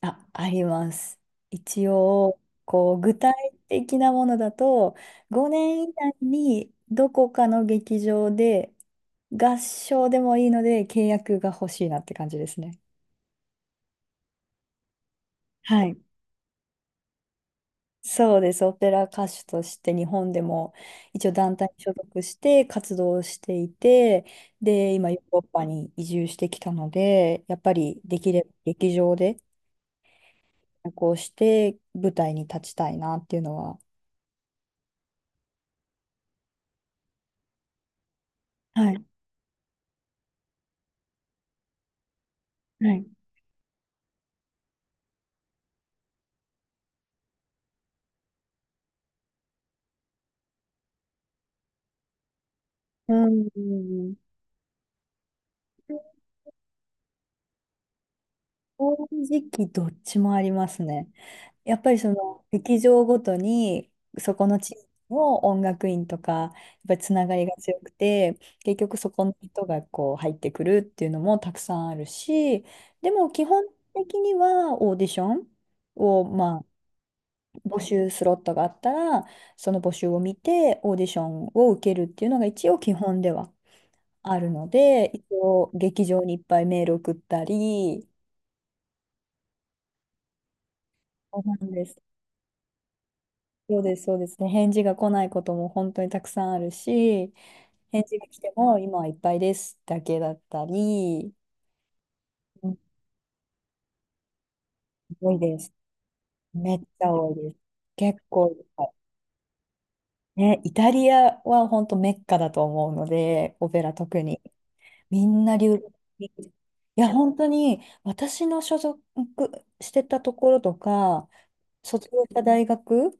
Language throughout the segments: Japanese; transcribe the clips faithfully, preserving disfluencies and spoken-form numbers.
あ、あります。一応、こう、具体的なものだと、ごねん以内にどこかの劇場で合唱でもいいので契約が欲しいなって感じですね。はい。そうです。オペラ歌手として日本でも一応団体に所属して活動していて、で、今ヨーロッパに移住してきたので、やっぱりできれば劇場でこうして舞台に立ちたいなっていうのは、はい、はい、うん。正直どっちもありますね。やっぱりその劇場ごとにそこの地域の音楽院とかやっぱりつながりが強くて、結局そこの人がこう入ってくるっていうのもたくさんあるし、でも基本的にはオーディションをまあ、募集スロットがあったらその募集を見てオーディションを受けるっていうのが一応基本ではあるので、一応劇場にいっぱいメール送ったり。そうなんです。そうです、そうですね。返事が来ないことも本当にたくさんあるし、返事が来ても今はいっぱいですだけだったり、うん、多いです。めっちゃ多いです。結構いっぱい。ね、イタリアは本当メッカだと思うので、オペラ特に。みんな留学にいや、本当に私の所属してたところとか、卒業した大学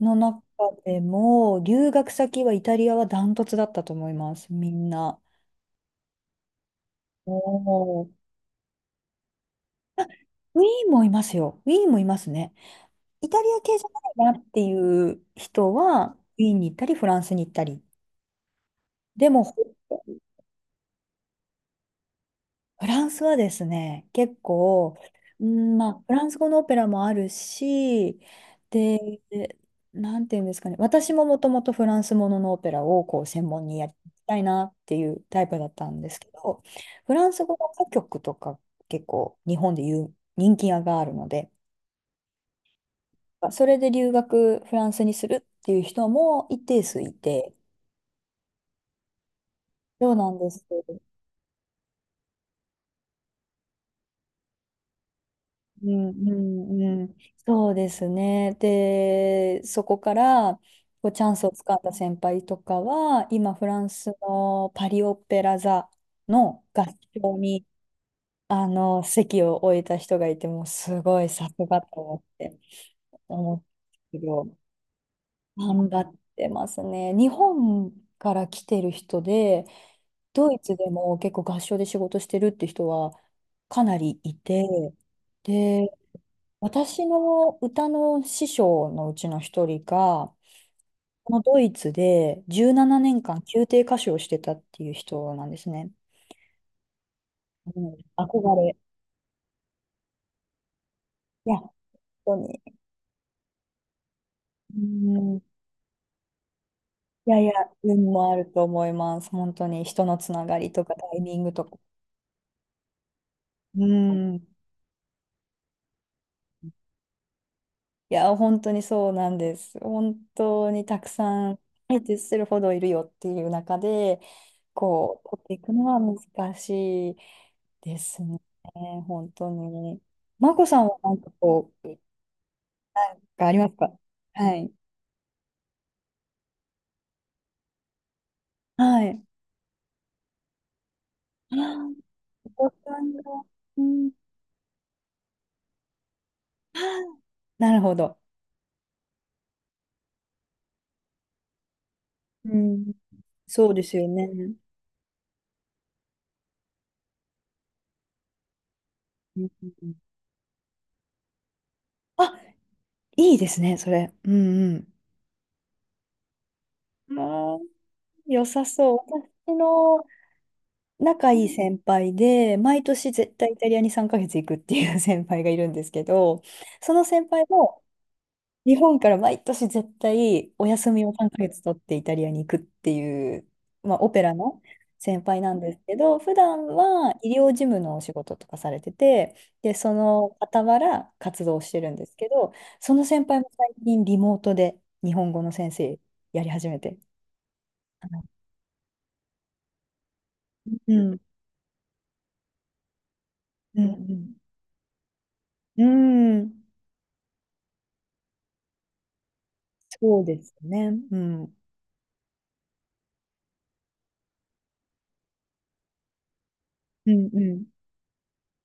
の中でも、留学先はイタリアはダントツだったと思います、みんな。おー、ウィーンもいますよ。ウィーンもいますね。イタリア系じゃないなっていう人は、ウィーンに行ったり、フランスに行ったり。でも、ほフランスはですね、結構、うん、まあ、フランス語のオペラもあるし、で、なんていうんですかね、私ももともとフランスもののオペラをこう専門にやりたいなっていうタイプだったんですけど、フランス語の歌曲とか結構日本でいう人気があるので、それで留学フランスにするっていう人も一定数いて、そうなんです。うん、うん、うん、そうですね。で、そこからこうチャンスをつかんだ先輩とかは、今、フランスのパリ・オペラ座の合唱にあの席を置いた人がいて、もうすごいさすがと思って思うんですけど、頑張ってますね。日本から来てる人で、ドイツでも結構合唱で仕事してるって人はかなりいて、で、私の歌の師匠のうちの一人が、このドイツでじゅうしちねんかん宮廷歌手をしてたっていう人なんですね。うん、憧れ。いや、本当に。うん、いやいや、運もあると思います。本当に人のつながりとかタイミングとか。うん。いや、本当にそうなんです。本当にたくさん、相手するほどいるよっていう中で、こう、取っていくのは難しいですね。本当に。マコさんは何かこう、がありますか？はい。はい。あー、お子さんが、うん。なるほど。うん。そうですよね。うん、うん、あ、いいですね、それ。うん、うん。ああ、良さそう。私の仲いい先輩で、毎年絶対イタリアにさんかげつ行くっていう 先輩がいるんですけど、その先輩も日本から毎年絶対お休みをさんかげつ取ってイタリアに行くっていう、まあ、オペラの先輩なんですけど、普段は医療事務のお仕事とかされてて、で、その傍ら活動してるんですけど、その先輩も最近リモートで日本語の先生やり始めて。うん、うん、うん、うん、そうですね。うん、うん、うん。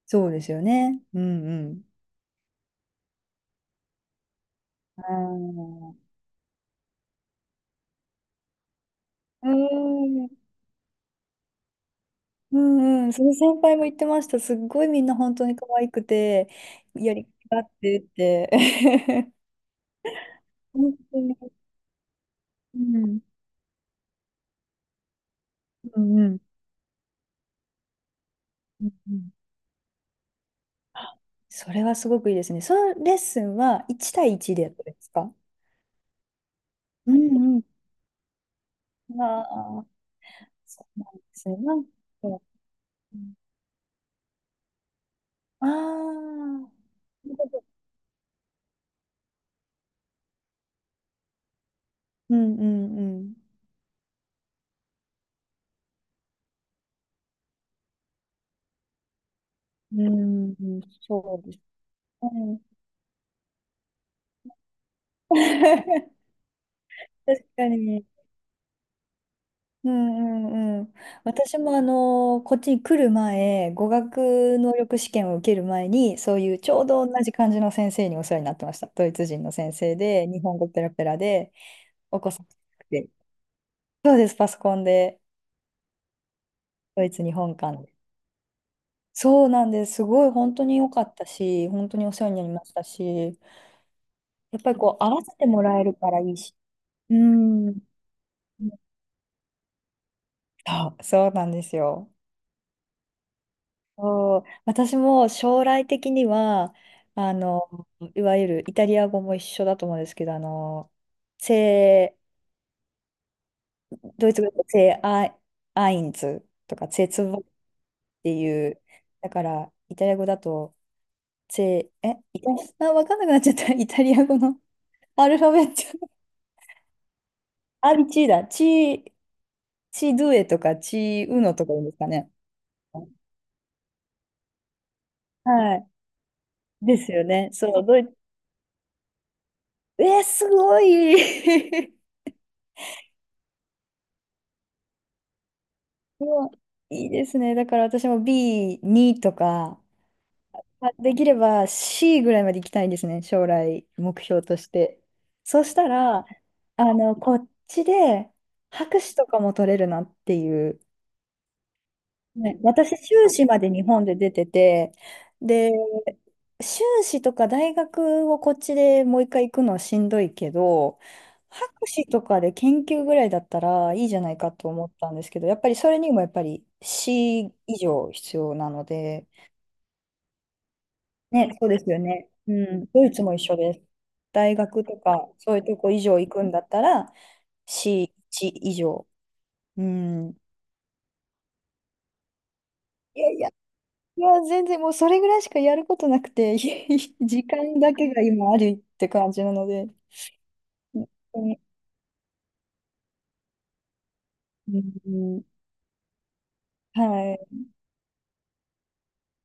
そうですよね。うん、うん。あー、うん。うん、うん、その先輩も言ってました。すっごいみんな本当に可愛くて、やりがいがあってって。本当に。うん。うん、うん。うん、うん、それはすごくいいですね。そのレッスンはいち対いちでやったんですか？うん、うん。ああ、そうなんですね。なんか、ああ、なるほど、うん、うん、うん。うん、そうですね。確かに。うん、うん、うん。私もあの、こっちに来る前、語学能力試験を受ける前に、そういうちょうど同じ感じの先生にお世話になってました。ドイツ人の先生で、日本語ペラペラで、お子さんで。そうです、パソコンで、ドイツ、日本間で。そうなんです。すごい本当に良かったし、本当にお世話になりましたし、やっぱりこう、合わせてもらえるからいいし。うん。そう、そうなんですよ。そう、私も将来的には、あの、いわゆるイタリア語も一緒だと思うんですけど、あの、セー、ドイツ語でセーアイ、アインズとか、セーツボっていう、だから、イタリア語だと、セー、え、イタリア、あ、わかんなくなっちゃった。イタリア語のアルファベット。アリチーだ。チー、チードゥエとか、チーウノとか言うんですかね。はい。ですよね。そう、ドイツ、えーすごい うわ、いいですね。だから私も ビーツー とか、まあできれば C ぐらいまで行きたいんですね。将来目標として。そうしたら、あの、こっちで博士とかも取れるなっていう、ね、私、修士まで日本で出てて、で、修士とか大学をこっちでもう一回行くのはしんどいけど、博士とかで研究ぐらいだったらいいじゃないかと思ったんですけど、やっぱりそれにもやっぱり C 以上必要なので、ね、そうですよね。うん、ドイツも一緒です。大学とかそういうとこ以上行くんだったら ツェーアインス 以上。うん。いやいや、全然もうそれぐらいしかやることなくて、時間だけが今あるって感じなので、本当に、うん、はい。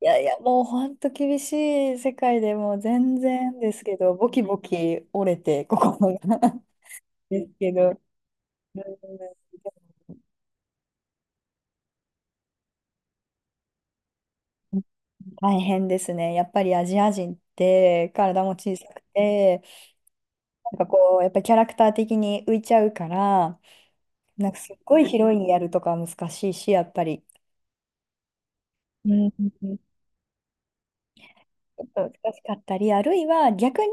いやいや、もう本当厳しい世界でもう全然ですけど、ボキボキ折れて、心が ですけど、うん、大変ですね。やっぱりアジア人って体も小さくて、なんかこう、やっぱりキャラクター的に浮いちゃうから、なんかすっごいヒロインやるとかは難しいし、やっぱり。うん、ちょっと難しかったり、あるいは逆に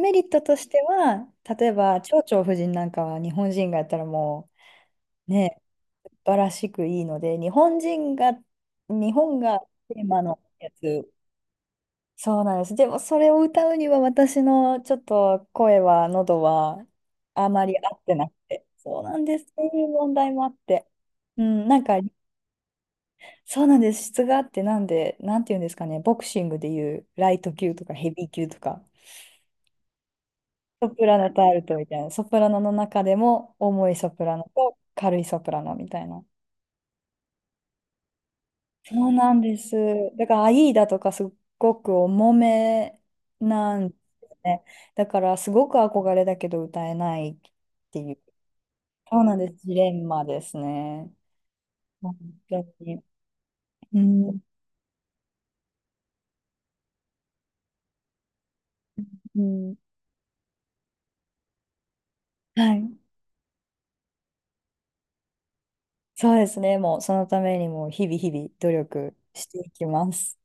メリットとしては、例えば蝶々夫人なんかは日本人がやったらもうね、素晴らしくいいので、日本人が、日本がテーマのやつ、そうなんです。でもそれを歌うには私のちょっと声は、喉はあまり合ってなくて、そうなんです。そういう問題もあって。うん、なんか、そうなんです。質があって、なんで、なんていうんですかね、ボクシングでいうライト級とかヘビー級とか。ソプラノとアルトみたいな。ソプラノの中でも重いソプラノと軽いソプラノみたいな。そうなんです。だから、アイーダとかすっごく重めなんですね。だから、すごく憧れだけど歌えないっていう。そうなんです。ジレンマですね。本当に。うん、うん。はい。そうですね。もう、そのためにも、日々日々努力していきます。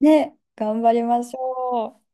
ね、頑張りましょう。